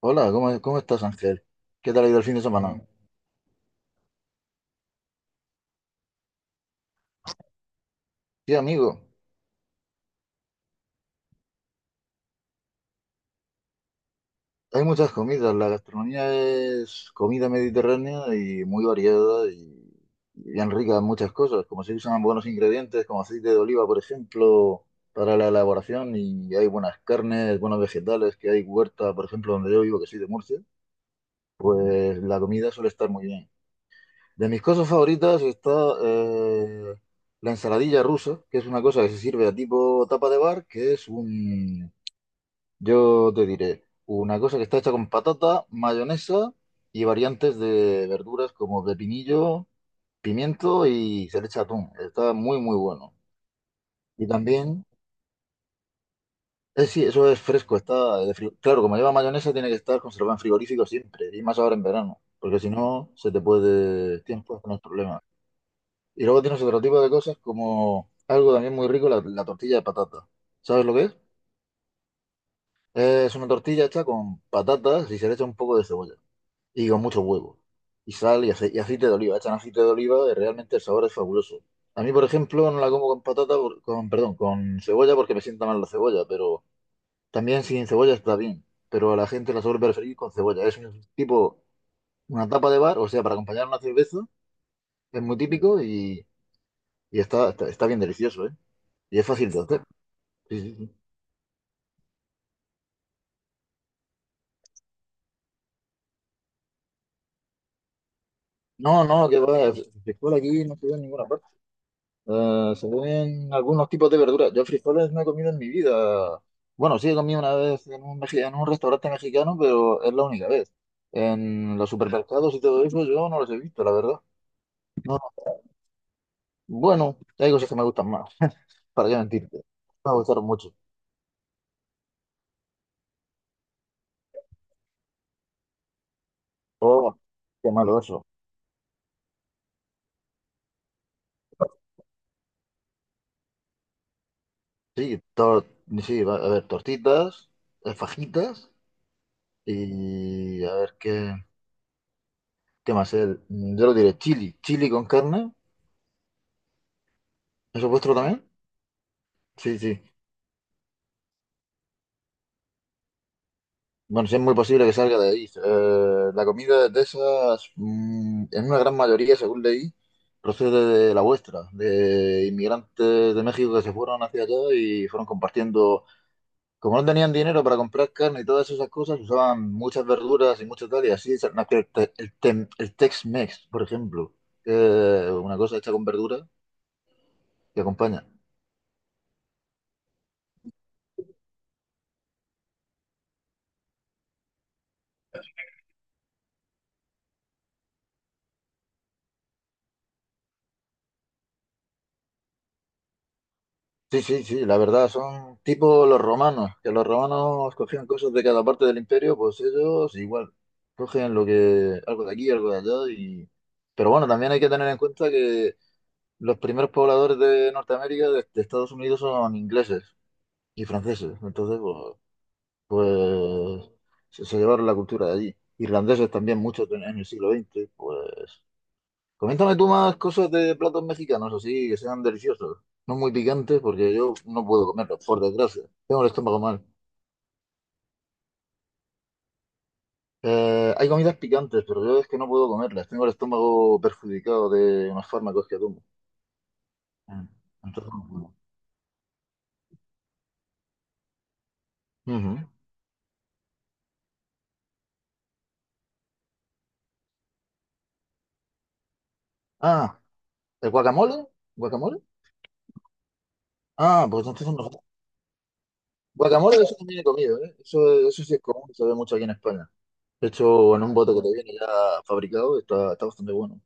Hola, ¿cómo estás, Ángel? ¿Qué tal ha ido el fin de semana? Sí, amigo, hay muchas comidas. La gastronomía es comida mediterránea y muy variada y bien rica en muchas cosas, como se usan buenos ingredientes como aceite de oliva, por ejemplo, para la elaboración, y hay buenas carnes, buenos vegetales, que hay huerta, por ejemplo, donde yo vivo, que soy de Murcia, pues la comida suele estar muy bien. De mis cosas favoritas está eh, la ensaladilla rusa, que es una cosa que se sirve a tipo tapa de bar, que es un... Yo te diré, una cosa que está hecha con patata, mayonesa y variantes de verduras como pepinillo, pimiento, y se le echa atún. Está muy, muy bueno. Y también, sí, eso es fresco, está de claro, como lleva mayonesa, tiene que estar conservado en frigorífico siempre, y más ahora en verano, porque si no, se te puede tiempo con el problemas. Y luego tienes otro tipo de cosas como algo también muy rico, la tortilla de patata. ¿Sabes lo que es? Es una tortilla hecha con patatas y se le echa un poco de cebolla, y con mucho huevo. Y sal y, y aceite de oliva. Echan aceite de oliva y realmente el sabor es fabuloso. A mí, por ejemplo, no la como con patata, con, perdón, con cebolla, porque me sienta mal la cebolla, pero también sin cebolla está bien. Pero a la gente la suele preferir con cebolla. Es un tipo, una tapa de bar, o sea, para acompañar una cerveza, es muy típico y, y está bien delicioso, ¿eh? Y es fácil de hacer. Sí, sí, sí. No, no, que va, se aquí no se ve en ninguna parte. Se ven algunos tipos de verduras. Yo frijoles no he comido en mi vida. Bueno, sí he comido una vez en un, en un restaurante mexicano, pero es la única vez. En los supermercados y todo eso yo no los he visto, la verdad. No, no. Bueno, hay cosas que me gustan más. ¿Para qué mentirte? Me gustaron mucho. Oh, qué malo eso. Sí, sí, a ver, tortitas, fajitas y a ver qué más. El, yo lo diré, chili. Chili con carne. ¿Eso es vuestro también? Sí, sí. Bueno, sí es muy posible que salga de ahí. La comida de Texas, en una gran mayoría, según leí, procede de la vuestra, de inmigrantes de México que se fueron hacia allá y fueron compartiendo. Como no tenían dinero para comprar carne y todas esas cosas, usaban muchas verduras y mucho tal, y así nació el, el Tex-Mex, por ejemplo, que es una cosa hecha con verduras que acompaña. Sí, sí, sí, la verdad, son tipo los romanos, que los romanos cogían cosas de cada parte del imperio, pues ellos igual, cogen lo que, algo de aquí, algo de allá, y... Pero bueno, también hay que tener en cuenta que los primeros pobladores de Norteamérica, de Estados Unidos, son ingleses y franceses, entonces, pues, pues se llevaron la cultura de allí. Irlandeses también, muchos en el siglo XX, pues... Coméntame tú más cosas de platos mexicanos, así que sean deliciosos. No muy picantes, porque yo no puedo comerlos, por desgracia. Tengo el estómago mal. Hay comidas picantes, pero yo es que no puedo comerlas. Tengo el estómago perjudicado de unos fármacos que tomo. Mm, Entonces no puedo. Ujú. Ah, ¿el guacamole? ¿Guacamole? Ah, pues entonces no. Guacamole eso también he comido, ¿eh? Eso sí es común, se ve mucho aquí en España. De hecho, en un bote que te viene ya fabricado, está, está bastante bueno.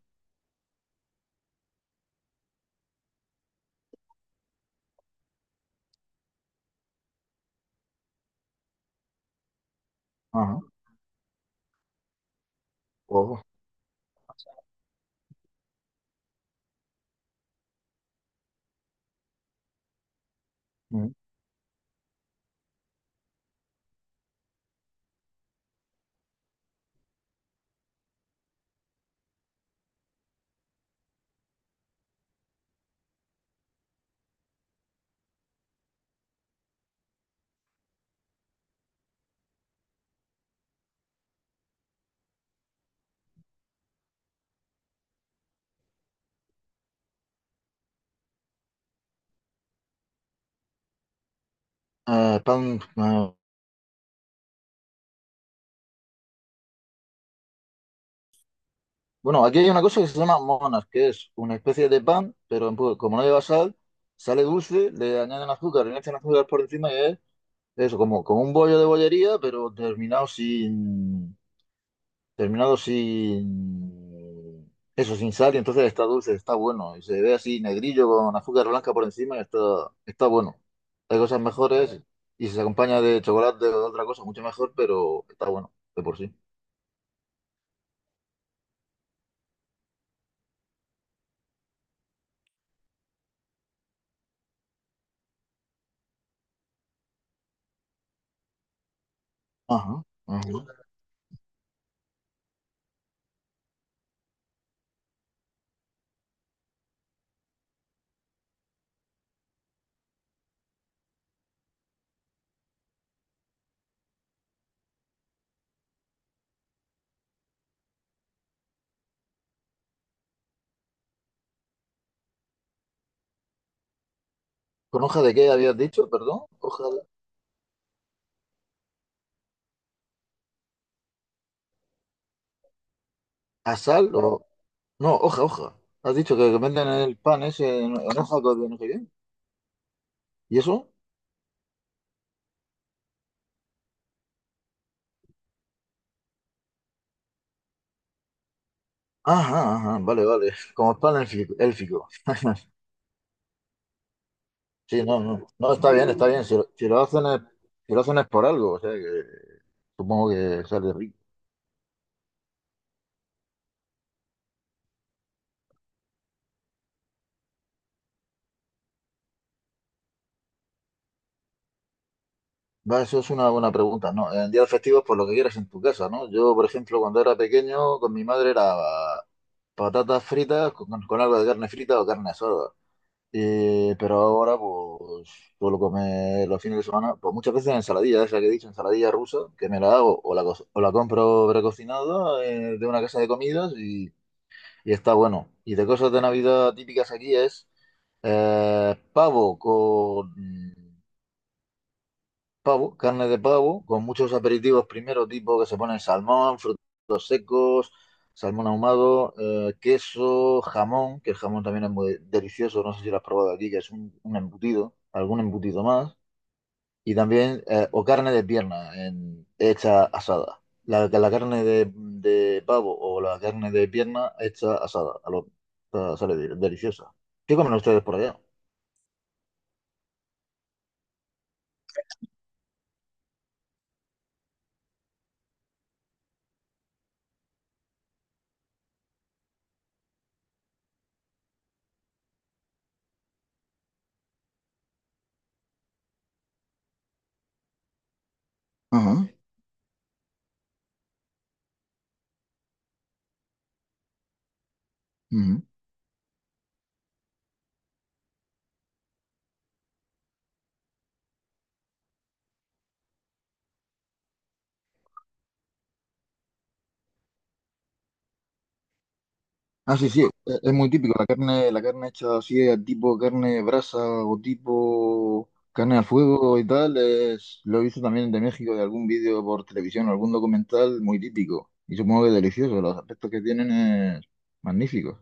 Ajá. Oh. Mm. Eh, pan, eh, bueno, aquí hay una cosa que se llama monas, que es una especie de pan, pero en como no lleva sal, sale dulce, le añaden azúcar, le echan azúcar por encima y es eso, como, como un bollo de bollería, pero terminado sin, eso, sin sal, y entonces está dulce, está bueno, y se ve así negrillo con azúcar blanca por encima y está, está bueno. Hay cosas mejores, y si se acompaña de chocolate o de otra cosa, mucho mejor, pero está bueno, de por sí. Ajá, ajá. ¿Con hoja de qué habías dicho? Perdón, hoja... ¿A sal o...? No, hoja, hoja. Has dicho que venden el pan ese en hoja con no sé qué. ¿Y eso? Ajá, ajá, vale, vale. Como el pan élfico. Élfico. Sí, no, no. No, está bien, está bien. Si lo, si lo hacen es, si lo hacen es por algo, o sea que supongo que sale rico. Va, eso es una buena pregunta, ¿no? En días festivos, por lo que quieras en tu casa, ¿no? Yo, por ejemplo, cuando era pequeño, con mi madre era patatas fritas con algo de carne frita o carne asada. Pero ahora, pues, suelo comer los fines de semana, pues muchas veces ensaladilla, esa que he dicho, ensaladilla rusa, que me la hago o la, o la compro precocinada, de una casa de comidas y está bueno. Y de cosas de Navidad típicas aquí es pavo con... Pavo, carne de pavo, con muchos aperitivos primero, tipo que se ponen salmón, frutos secos, salmón ahumado, queso, jamón, que el jamón también es muy delicioso, no sé si lo has probado aquí, que es un embutido, algún embutido más, y también, o carne de pierna, hecha asada. La carne de pavo o la carne de pierna hecha asada, a lo, o sea, sale deliciosa. ¿Qué comen ustedes por allá? Ajá. Ujú. Ah, sí, sí, es muy típico, la carne hecha así, tipo carne brasa o tipo carne al fuego y tal, es, lo he visto también de México, de algún vídeo por televisión, algún documental, muy típico. Y supongo que delicioso, los aspectos que tienen es magníficos.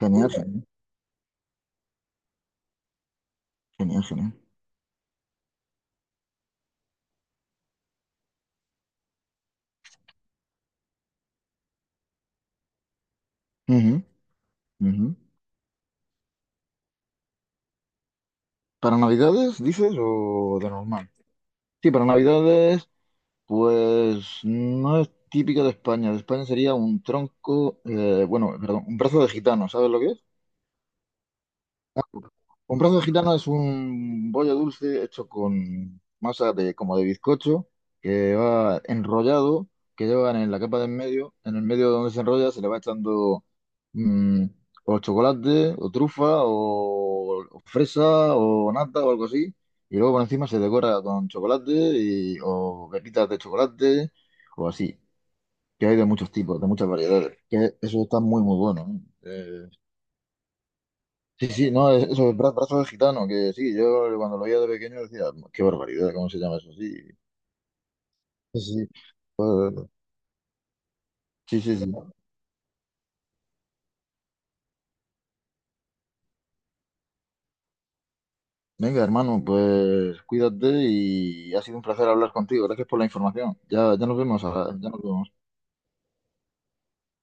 Genial, genial, genial, genial. Ujú, ujú. ¿Para Navidades, dices, o de normal? Sí, para Navidades, pues no es típico de España sería un tronco, bueno, perdón, un brazo de gitano, ¿sabes lo que es? Un brazo de gitano es un bollo dulce hecho con masa de como de bizcocho que va enrollado, que llevan en la capa de en medio, en el medio donde se enrolla se le va echando mm, o chocolate o trufa o fresa o nata o algo así, y luego por encima se decora con chocolate y, o pepitas de chocolate o así, que hay de muchos tipos, de muchas variedades, que eso está muy muy bueno. ¿No? ¿Eh? Sí, sí, no, eso es brazo de gitano, que sí, yo cuando lo veía de pequeño decía, qué barbaridad, ¿cómo se llama eso? Sí, sí, sí, pues, sí, sí, sí. Venga, hermano, pues cuídate y ha sido un placer hablar contigo. Gracias por la información. Ya, ya nos vemos, ahora, ya nos vemos.